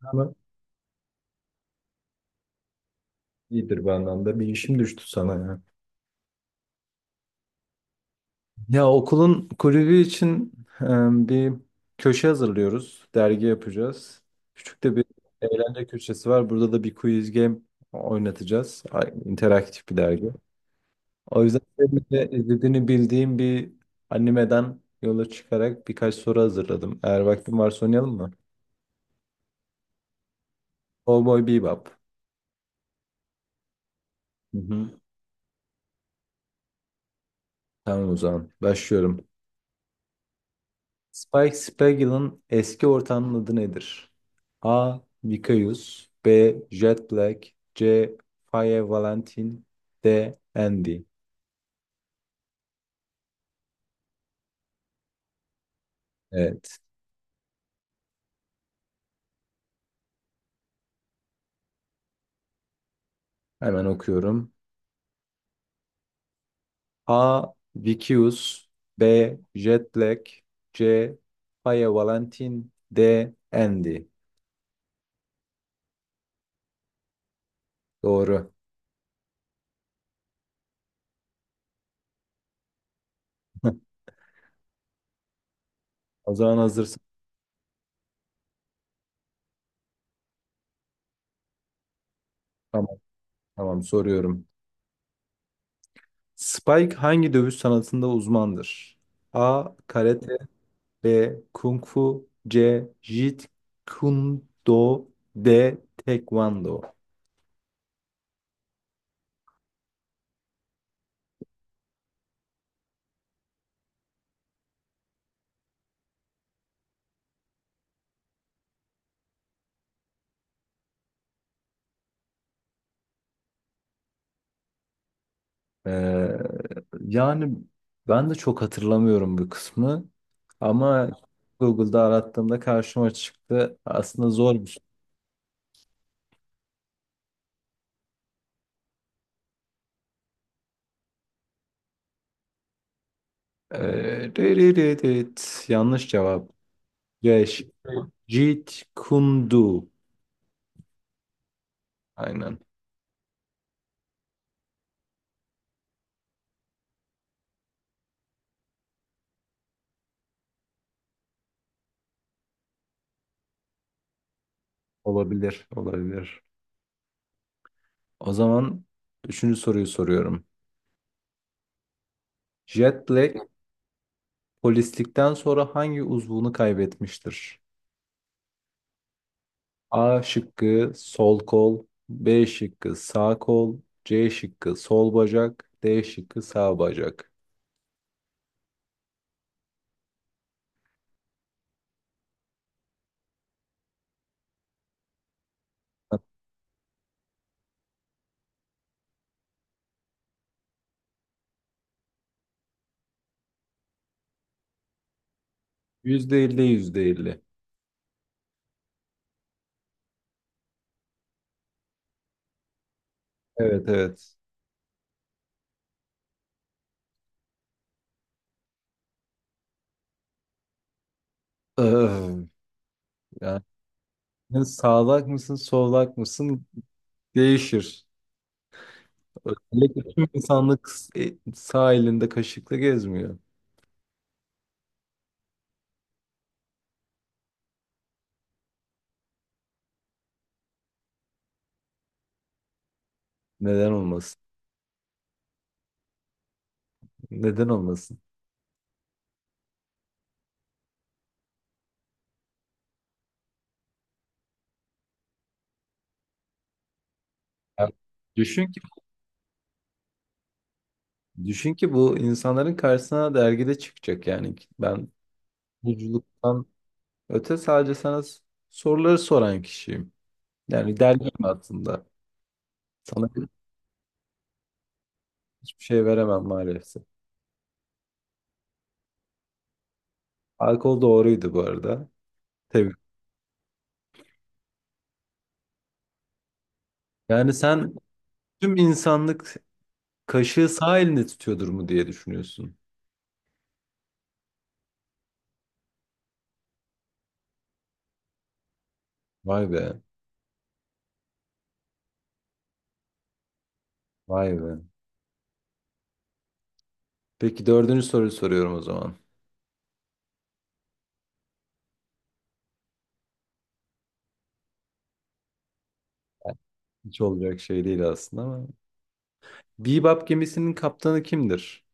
Ama iyidir bu anlamda. Bir işim düştü sana ya. Ya okulun kulübü için e, bir köşe hazırlıyoruz. Dergi yapacağız. Küçük de bir eğlence köşesi var. Burada da bir quiz game oynatacağız. İnteraktif bir dergi. O yüzden senin de izlediğini bildiğim bir animeden yola çıkarak birkaç soru hazırladım. Eğer vaktin varsa oynayalım mı? Cowboy Bebop. Hı hı. Tamam, o zaman başlıyorum. Spike Spiegel'ın eski ortağının adı nedir? A. Vicious, B. Jet Black, C. Faye Valentin, D. Andy. Evet. Hemen okuyorum. A. Vicious, B. Jet Black, C. Faye Valentin, D. Andy. Doğru. O zaman hazırsın. Tamam, tamam, soruyorum. Spike hangi dövüş sanatında uzmandır? A. Karate, B. Kung Fu, C. Jeet Kune Do, D. Taekwondo. Ee, yani ben de çok hatırlamıyorum bu kısmı ama Google'da arattığımda karşıma çıktı. Aslında zormuş. Dırırırırt, yanlış cevap. C. Jeet Kune Do. Aynen. Olabilir, olabilir. O zaman üçüncü soruyu soruyorum. Jet Black polislikten sonra hangi uzvunu kaybetmiştir? A şıkkı sol kol, B şıkkı sağ kol, C şıkkı sol bacak, D şıkkı sağ bacak. Yüzde elli, yüzde elli. Evet, evet. Öf, yani sen sağlak mısın solak mısın değişir. Özellikle tüm insanlık sağ elinde kaşıkla gezmiyor. Neden olmasın? Neden olmasın? Yani düşün düşün ki bu insanların karşısına dergide çıkacak yani. Ben buculuktan öte sadece sana soruları soran kişiyim. Yani dergim aslında. Sana hiçbir şey veremem maalesef. Alkol doğruydu bu arada. Tabii. Yani sen tüm insanlık kaşığı sağ elinde tutuyordur mu diye düşünüyorsun. Vay be. Vay be. Peki, dördüncü soruyu soruyorum o zaman. Hiç olacak şey değil aslında ama. Bebop gemisinin kaptanı kimdir?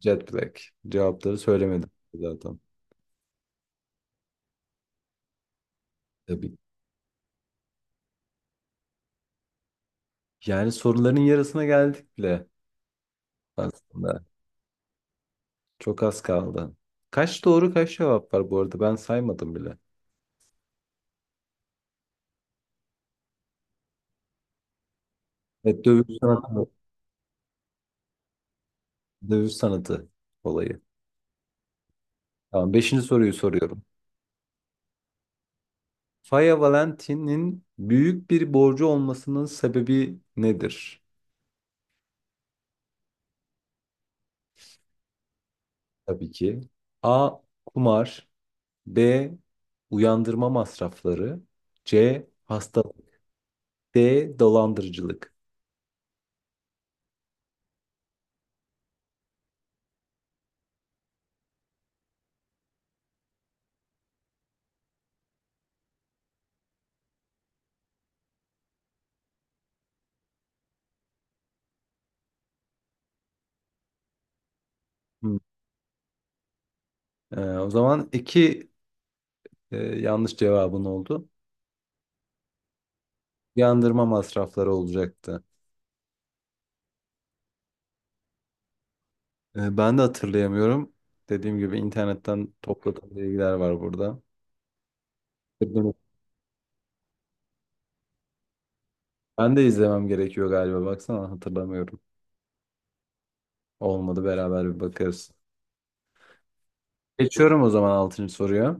Jet Black. Cevapları söylemedim zaten. Tabii. Yani soruların yarısına geldik bile aslında. Çok az kaldı. Kaç doğru kaç cevap var bu arada, ben saymadım bile. Evet, dövüş sanatı olayı. Tamam, beşinci soruyu soruyorum. Faya Valentin'in büyük bir borcu olmasının sebebi nedir? Tabii ki. A. Kumar, B. Uyandırma masrafları, C. hasta, D. Dolandırıcılık. Hmm. O zaman iki yanlış cevabın oldu. Yandırma masrafları olacaktı. Ben de hatırlayamıyorum. Dediğim gibi internetten topladığım bilgiler var burada. Ben de izlemem gerekiyor galiba. Baksana hatırlamıyorum. Olmadı beraber bir bakarız. Geçiyorum o zaman altıncı soruya.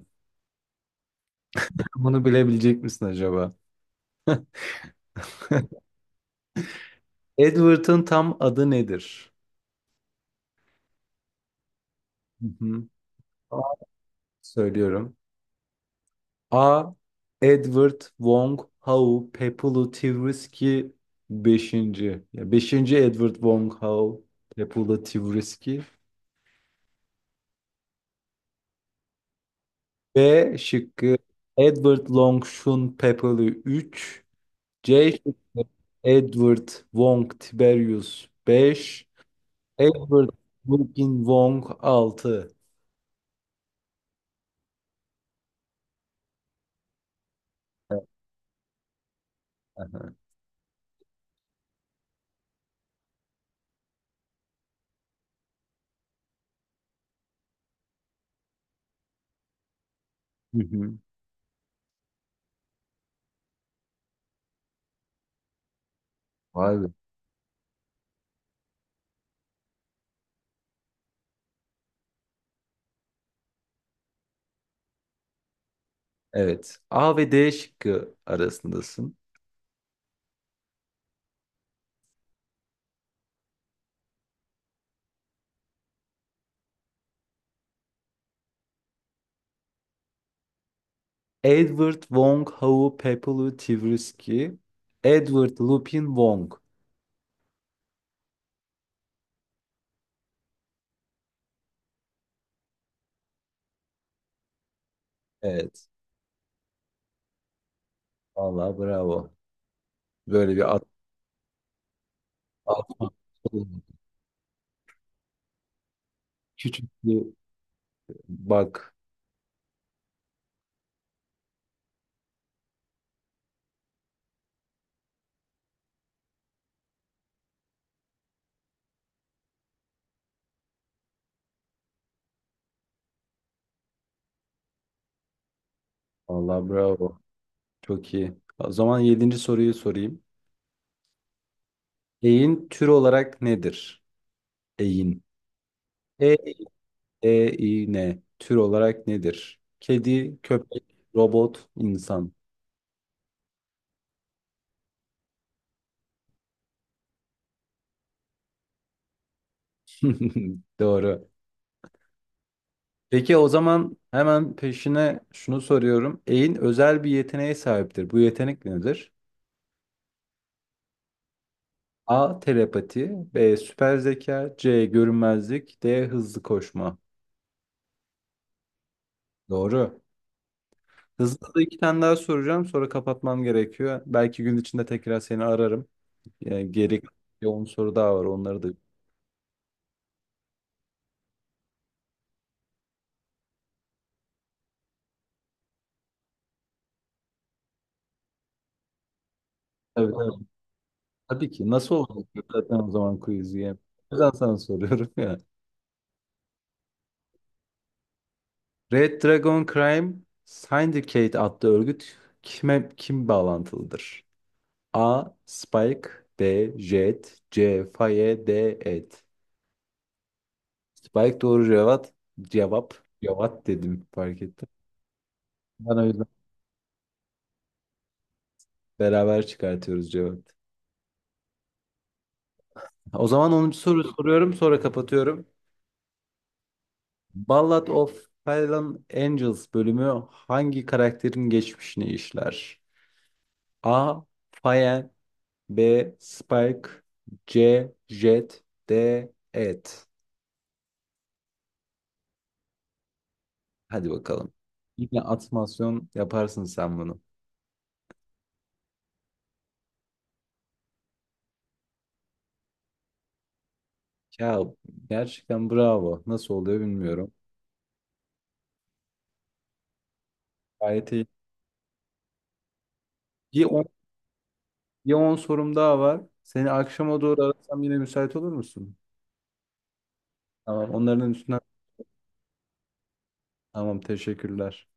Bunu bilebilecek misin acaba? Edward'ın tam adı nedir? Hı hı. Söylüyorum. A. Edward Wong Howe Pepulu Tivriski beşinci. Ya 5. Edward Wong Howe Pepulu Tivriski. B şıkkı Edward Longshun Pepper'i 3, C şıkkı Edward Wong Tiberius 5, Edward Wilkin Wong 6. Hı hı. Vay be. Evet. A ve D şıkkı arasındasın. Edward Wong Hau Pepelu Tversky. Edward Lupin Wong. Evet. Vallahi bravo. Böyle bir at, atma. Küçük bir bak. Vallahi bravo. Çok iyi. O zaman yedinci soruyu sorayım. Eğin tür olarak nedir? Eğin. E, E, İ, N. Tür olarak nedir? Kedi, köpek, robot, insan. Doğru. Peki, o zaman hemen peşine şunu soruyorum. Eğin özel bir yeteneğe sahiptir. Bu yetenek nedir? A. Telepati, B. Süper zeka, C. Görünmezlik, D. Hızlı koşma. Doğru. Hızlı da iki tane daha soracağım. Sonra kapatmam gerekiyor. Belki gün içinde tekrar seni ararım. Yani gerek 10 soru daha var onları da. Tabii, tabii. Tabii ki. Nasıl olacak zaten o zaman quiz'i yani. O yüzden sana soruyorum ya. Red Dragon Crime Syndicate adlı örgüt kime kim bağlantılıdır? A. Spike, B. Jet, C. Faye, D. Ed. Spike doğru cevap. Cevap. Cevap dedim, fark ettim. Ben o beraber çıkartıyoruz cevap. O zaman onuncu soru soruyorum, sonra kapatıyorum. Ballad of Fallen Angels bölümü hangi karakterin geçmişini işler? A. Faye, B. Spike, C. Jet, D. Ed. Hadi bakalım. Yine atmasyon yaparsın sen bunu. Ya gerçekten bravo. Nasıl oluyor bilmiyorum. Gayet iyi. Bir on bir on sorum daha var. Seni akşama doğru arasam yine müsait olur musun? Tamam, onların üstüne. Tamam, teşekkürler.